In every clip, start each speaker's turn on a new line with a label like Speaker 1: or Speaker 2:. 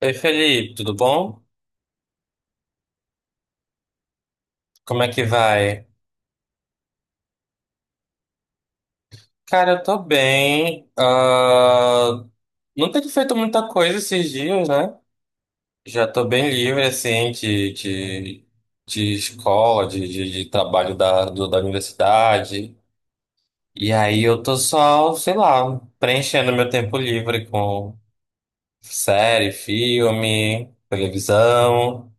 Speaker 1: Ei, Felipe, tudo bom? Como é que vai? Cara, eu tô bem. Não tenho feito muita coisa esses dias, né? Já tô bem livre, assim, de escola, de trabalho da universidade. E aí eu tô só, sei lá, preenchendo meu tempo livre com série, filme, televisão.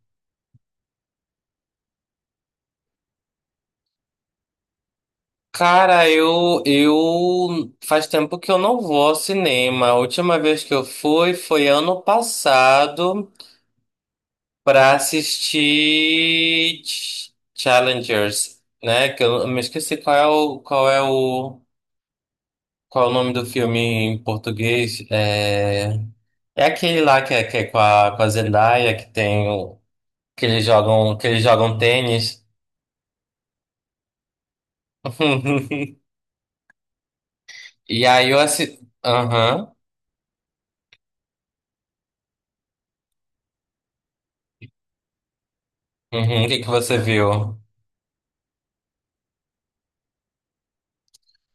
Speaker 1: Cara, eu faz tempo que eu não vou ao cinema. A última vez que eu fui foi ano passado pra assistir Challengers, né? Que eu me esqueci qual é o qual é o qual é o nome do filme em português. É, é aquele lá que é com a Zendaya que tem o, que eles jogam tênis. E aí eu assisti. Aham. Uhum. O que que você viu?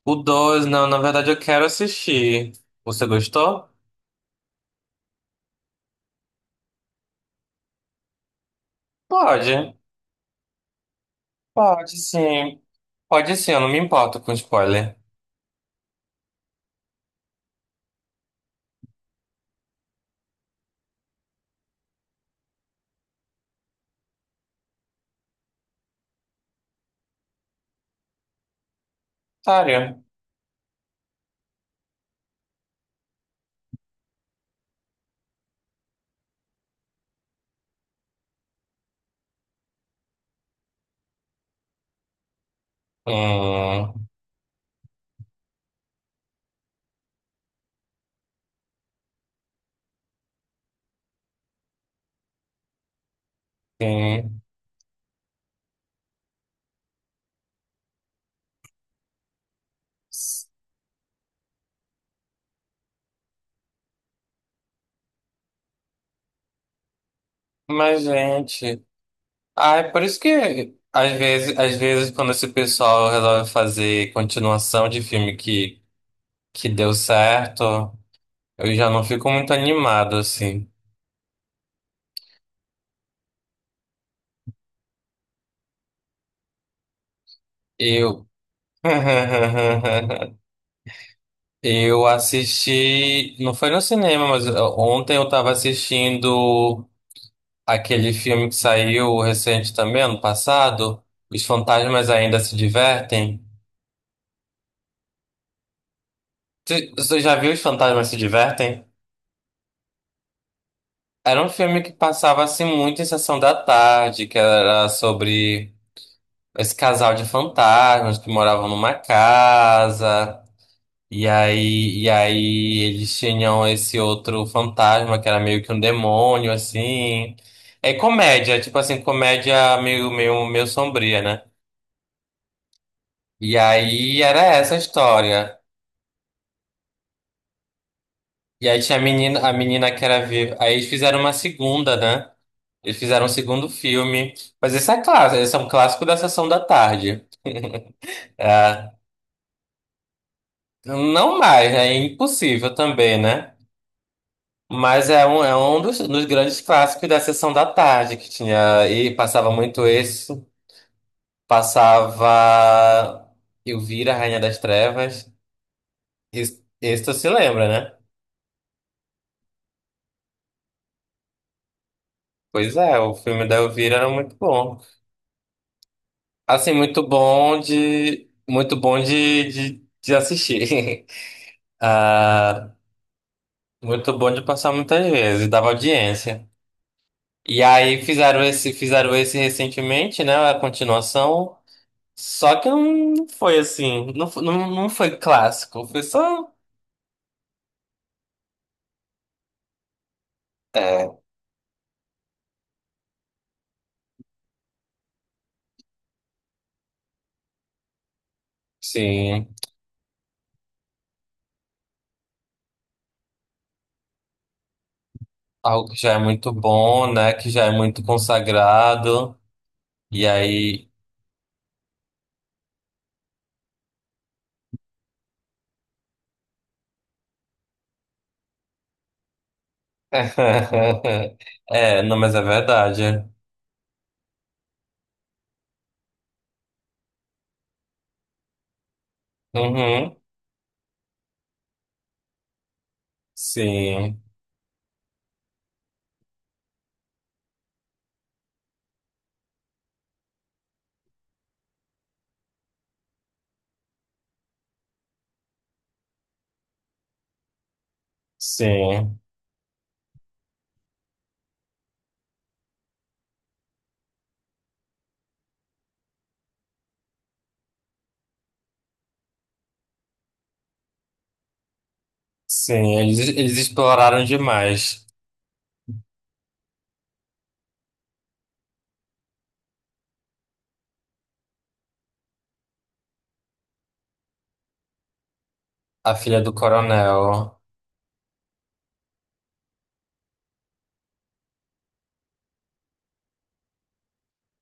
Speaker 1: O 2 não, na verdade eu quero assistir. Você gostou? Pode, pode sim. Pode sim, eu não me importo com spoiler. Sério. Hum, sim. Mas, gente. Ah, é por isso que às vezes quando esse pessoal resolve fazer continuação de filme que deu certo, eu já não fico muito animado, assim. Eu. Eu assisti, não foi no cinema, mas ó, ontem eu tava assistindo aquele filme que saiu recente também, ano passado, Os Fantasmas Ainda Se Divertem. Você já viu Os Fantasmas Se Divertem? Era um filme que passava assim muito em sessão da tarde, que era sobre esse casal de fantasmas que moravam numa casa. E aí eles tinham esse outro fantasma que era meio que um demônio, assim. É comédia, tipo assim, comédia meio sombria, né? E aí era essa a história. E aí tinha a menina que era viva. Aí eles fizeram uma segunda, né? Eles fizeram um segundo filme. Mas esse é clássico, esse é um clássico da sessão da tarde. É, não mais, né? É impossível também, né? Mas é um dos, dos grandes clássicos da sessão da tarde que tinha. E passava muito isso. Passava Elvira, Rainha das Trevas. Isso tu se lembra, né? Pois é, o filme da Elvira era muito bom. Assim, muito bom de. Muito bom de, de assistir. Ah, muito bom de passar muitas vezes, dava audiência. E aí fizeram esse recentemente, né? A continuação. Só que não foi assim, não, não, não foi clássico, foi só, sim, algo que já é muito bom, né? Que já é muito consagrado. E aí. É, não, mas é verdade. Uhum. Sim, sim, sim. Eles exploraram demais a filha do coronel.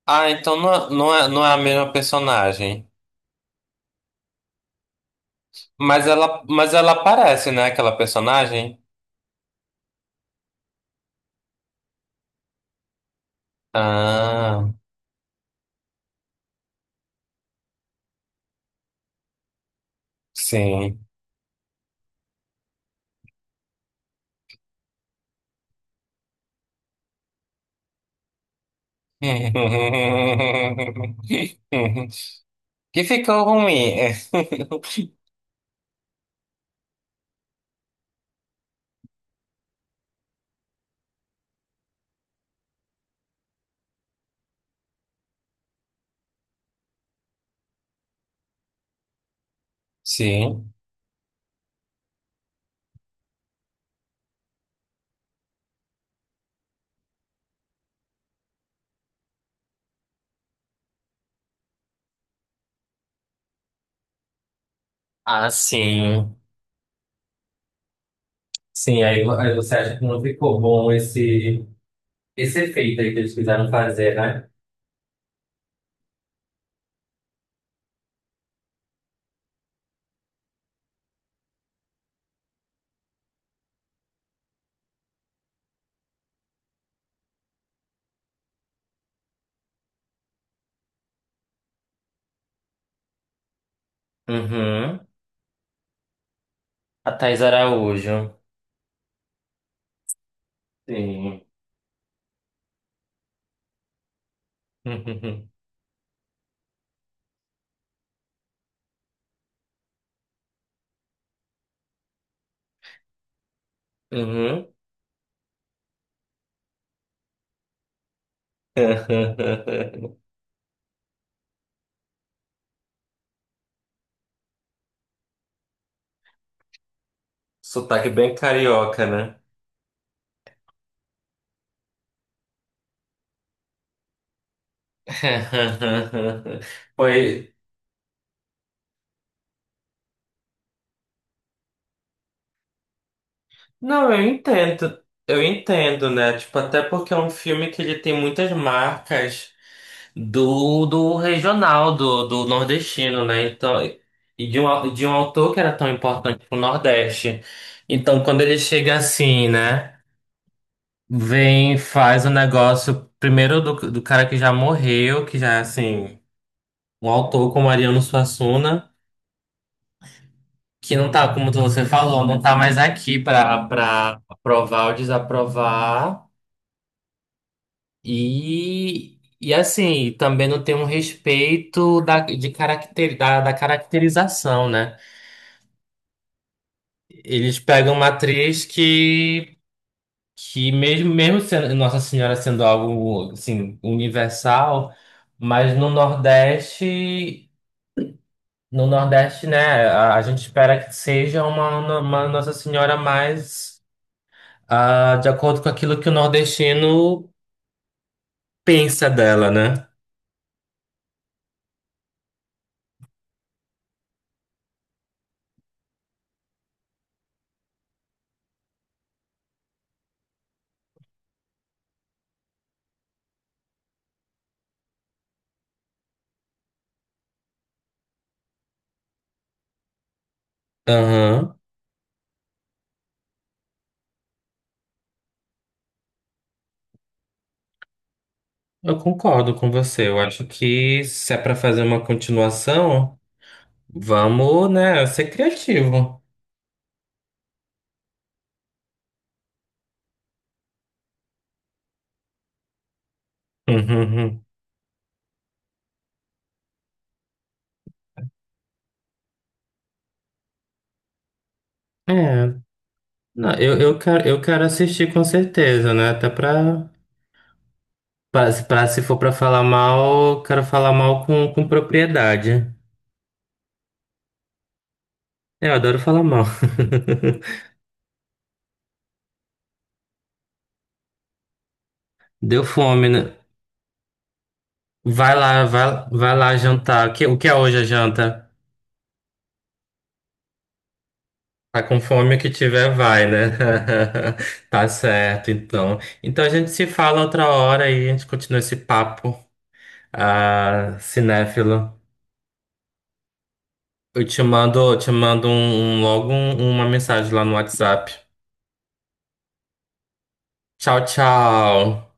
Speaker 1: Ah, então não, não é, não é a mesma personagem. Mas ela aparece, né? Aquela personagem. Ah, sim. que ficou ruim. É. Sim. Ah, sim. Sim, aí, aí você acha que não ficou bom esse efeito aí que eles quiseram fazer, né? Uhum. A Thais Araújo. Sim. Uhum. Uhum. Sotaque bem carioca, né? Foi. Não, eu entendo. Eu entendo, né? Tipo, até porque é um filme que ele tem muitas marcas do, do regional, do, do nordestino, né? Então, e de um, de um autor que era tão importante pro Nordeste. Então, quando ele chega assim, né? Vem, faz o negócio primeiro do, do cara que já morreu, que já, é, assim, um autor como Ariano Suassuna, que não tá, como você falou, não tá mais aqui pra, pra aprovar ou desaprovar. E assim, também não tem um respeito da, de caracter, da, da caracterização, né? Eles pegam uma atriz que mesmo, mesmo sendo Nossa Senhora sendo algo assim, universal, mas no Nordeste, no Nordeste, né, a gente espera que seja uma Nossa Senhora mais ah, de acordo com aquilo que o nordestino pensa dela, né? Aham. Eu concordo com você. Eu acho que se é para fazer uma continuação, vamos, né, ser criativo. Uhum. É, não, eu quero, eu quero assistir com certeza, né? Até pra, pra, se for pra falar mal, eu quero falar mal com propriedade. Eu adoro falar mal. Deu fome, né? Vai lá, vai, vai lá jantar. O que é hoje a janta? Tá com fome o que tiver vai, né? Tá certo, então. Então a gente se fala outra hora e a gente continua esse papo, ah, cinéfilo. Eu te mando um, logo uma mensagem lá no WhatsApp. Tchau, tchau.